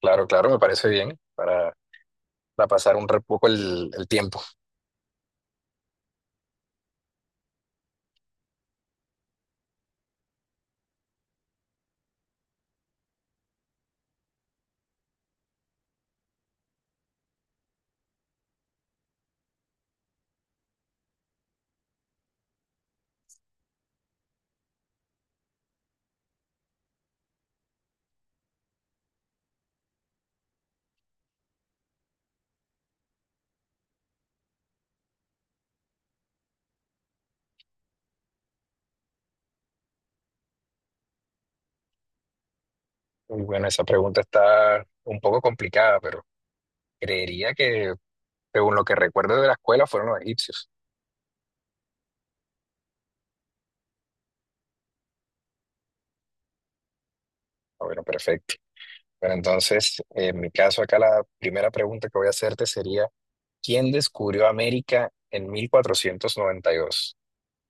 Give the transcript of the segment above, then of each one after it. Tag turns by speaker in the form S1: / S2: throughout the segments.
S1: Claro, claro, me parece bien para pasar un poco el tiempo. Y bueno, esa pregunta está un poco complicada, pero creería que, según lo que recuerdo de la escuela, fueron los egipcios. Ah, bueno, perfecto. Bueno, entonces, en mi caso, acá la primera pregunta que voy a hacerte sería, ¿quién descubrió América en 1492?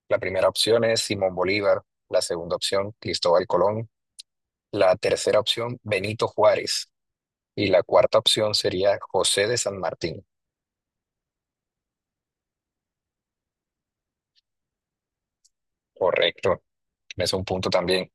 S1: La primera opción es Simón Bolívar, la segunda opción, Cristóbal Colón, la tercera opción, Benito Juárez, y la cuarta opción sería José de San Martín. Correcto. Es un punto también.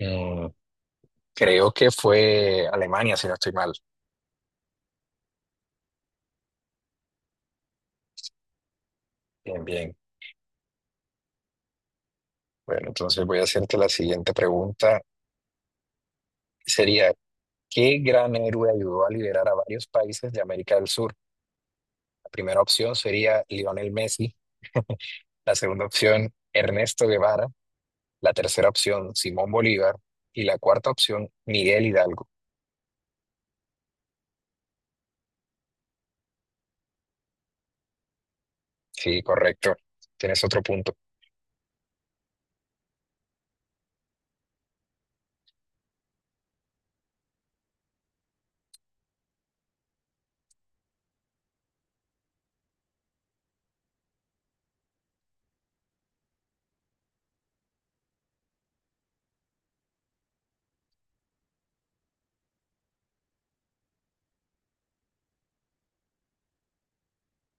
S1: Mm, creo que fue Alemania, si no estoy mal. Bien, bien. Bueno, entonces voy a hacerte la siguiente pregunta. Sería, ¿qué gran héroe ayudó a liberar a varios países de América del Sur? La primera opción sería Lionel Messi, la segunda opción Ernesto Guevara, la tercera opción Simón Bolívar y la cuarta opción Miguel Hidalgo. Sí, correcto. Tienes otro punto.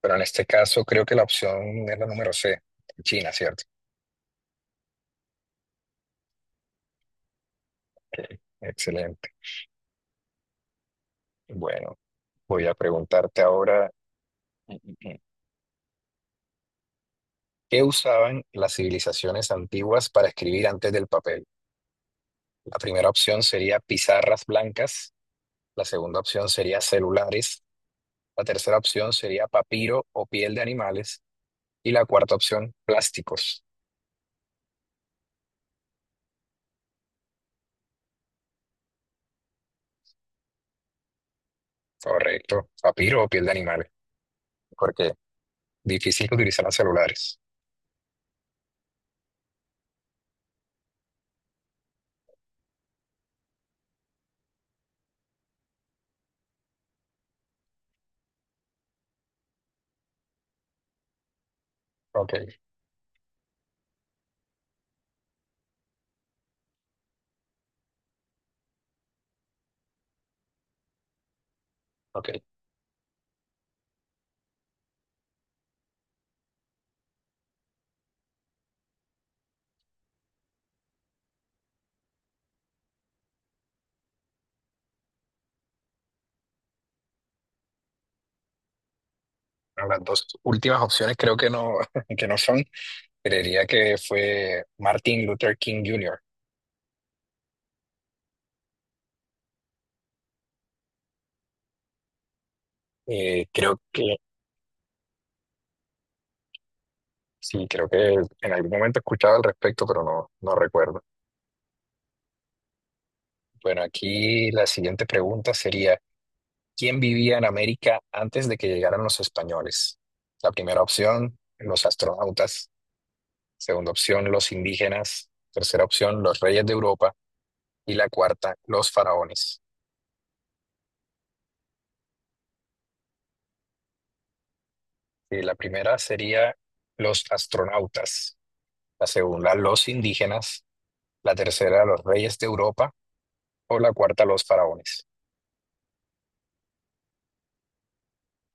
S1: Pero en este caso creo que la opción es la número C, China, ¿cierto? Excelente. Bueno. Voy a preguntarte ahora, mm, mm, mm, ¿qué usaban las civilizaciones antiguas para escribir antes del papel? La primera opción sería pizarras blancas, la segunda opción sería celulares, la tercera opción sería papiro o piel de animales y la cuarta opción, plásticos. Correcto, papiro o piel de animales, porque difícil que utilizaran celulares. Ok, ok. Bueno, las dos últimas opciones creo que no, que no son. Creería que fue Martin Luther King Jr. Creo que Sí, creo que en algún momento he escuchado al respecto, pero no, no recuerdo. Bueno, aquí la siguiente pregunta sería, ¿quién vivía en América antes de que llegaran los españoles? La primera opción, los astronautas. Segunda opción, los indígenas. Tercera opción, los reyes de Europa. Y la cuarta, los faraones. Y la primera sería los astronautas. La segunda, los indígenas. La tercera, los reyes de Europa. O la cuarta, los faraones.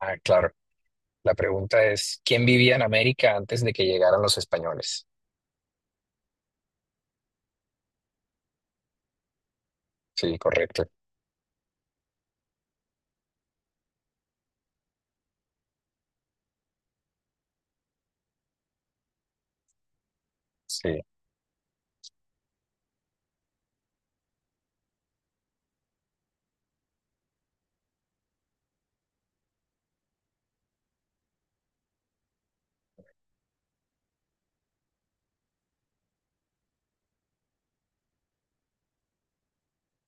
S1: Ah, claro. La pregunta es, ¿quién vivía en América antes de que llegaran los españoles? Sí, correcto. Sí.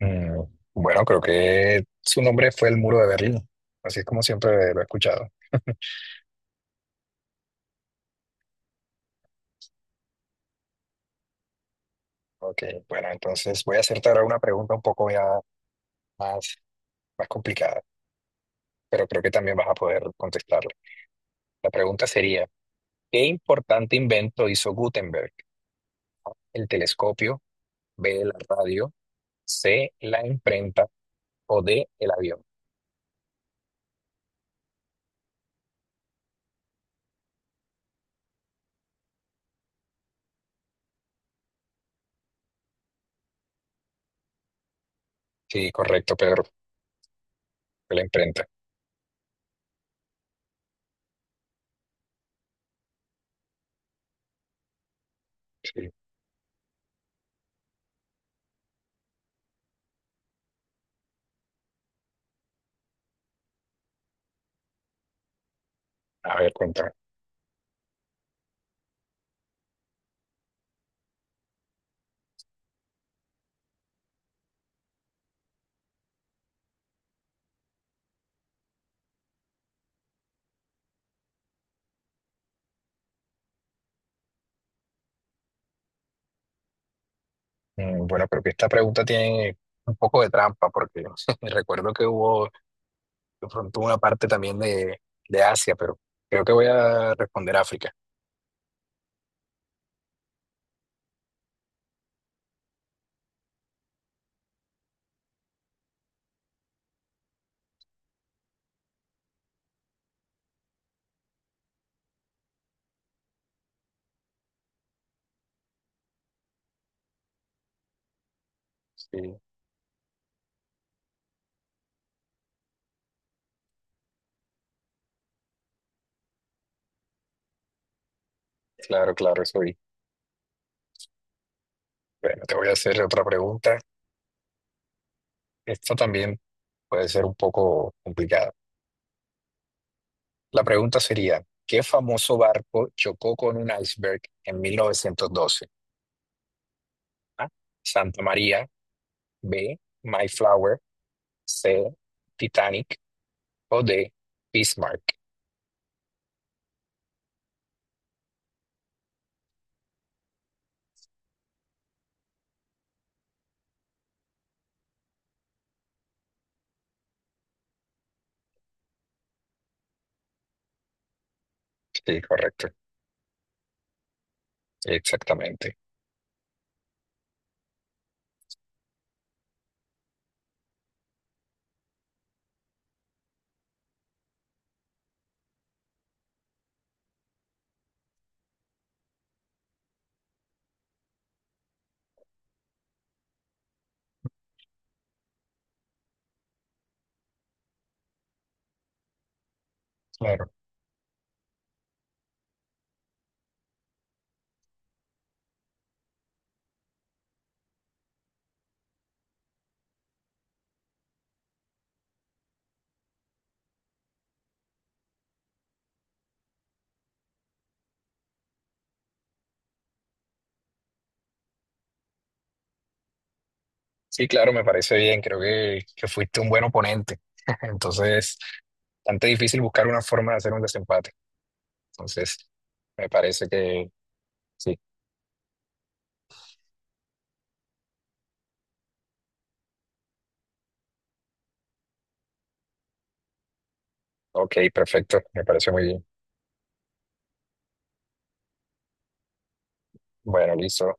S1: Mm, bueno, creo que su nombre fue el Muro de Berlín, así es como siempre lo he escuchado. Ok, bueno, entonces voy a hacerte ahora una pregunta un poco ya más, más complicada, pero creo que también vas a poder contestarla. La pregunta sería, ¿qué importante invento hizo Gutenberg? ¿El telescopio, B, la radio, C, la imprenta o D, el avión? Sí, correcto, Pedro, fue la imprenta. Sí. A ver, cuéntame. Bueno, pero que esta pregunta tiene un poco de trampa, porque recuerdo que hubo de pronto una parte también de Asia, pero creo que voy a responder África. Sí, claro, claro, eso vi. Bueno, te voy a hacer otra pregunta. Esta también puede ser un poco complicada. La pregunta sería, ¿qué famoso barco chocó con un iceberg en 1912? A, Santa María, B, Mayflower, C, Titanic o D, Bismarck. Sí, correcto, exactamente. Claro. Sí, claro, me parece bien. Creo que fuiste un buen oponente. Entonces, bastante difícil buscar una forma de hacer un desempate. Entonces, me parece que sí. Ok, perfecto. Me parece muy bien. Bueno, listo.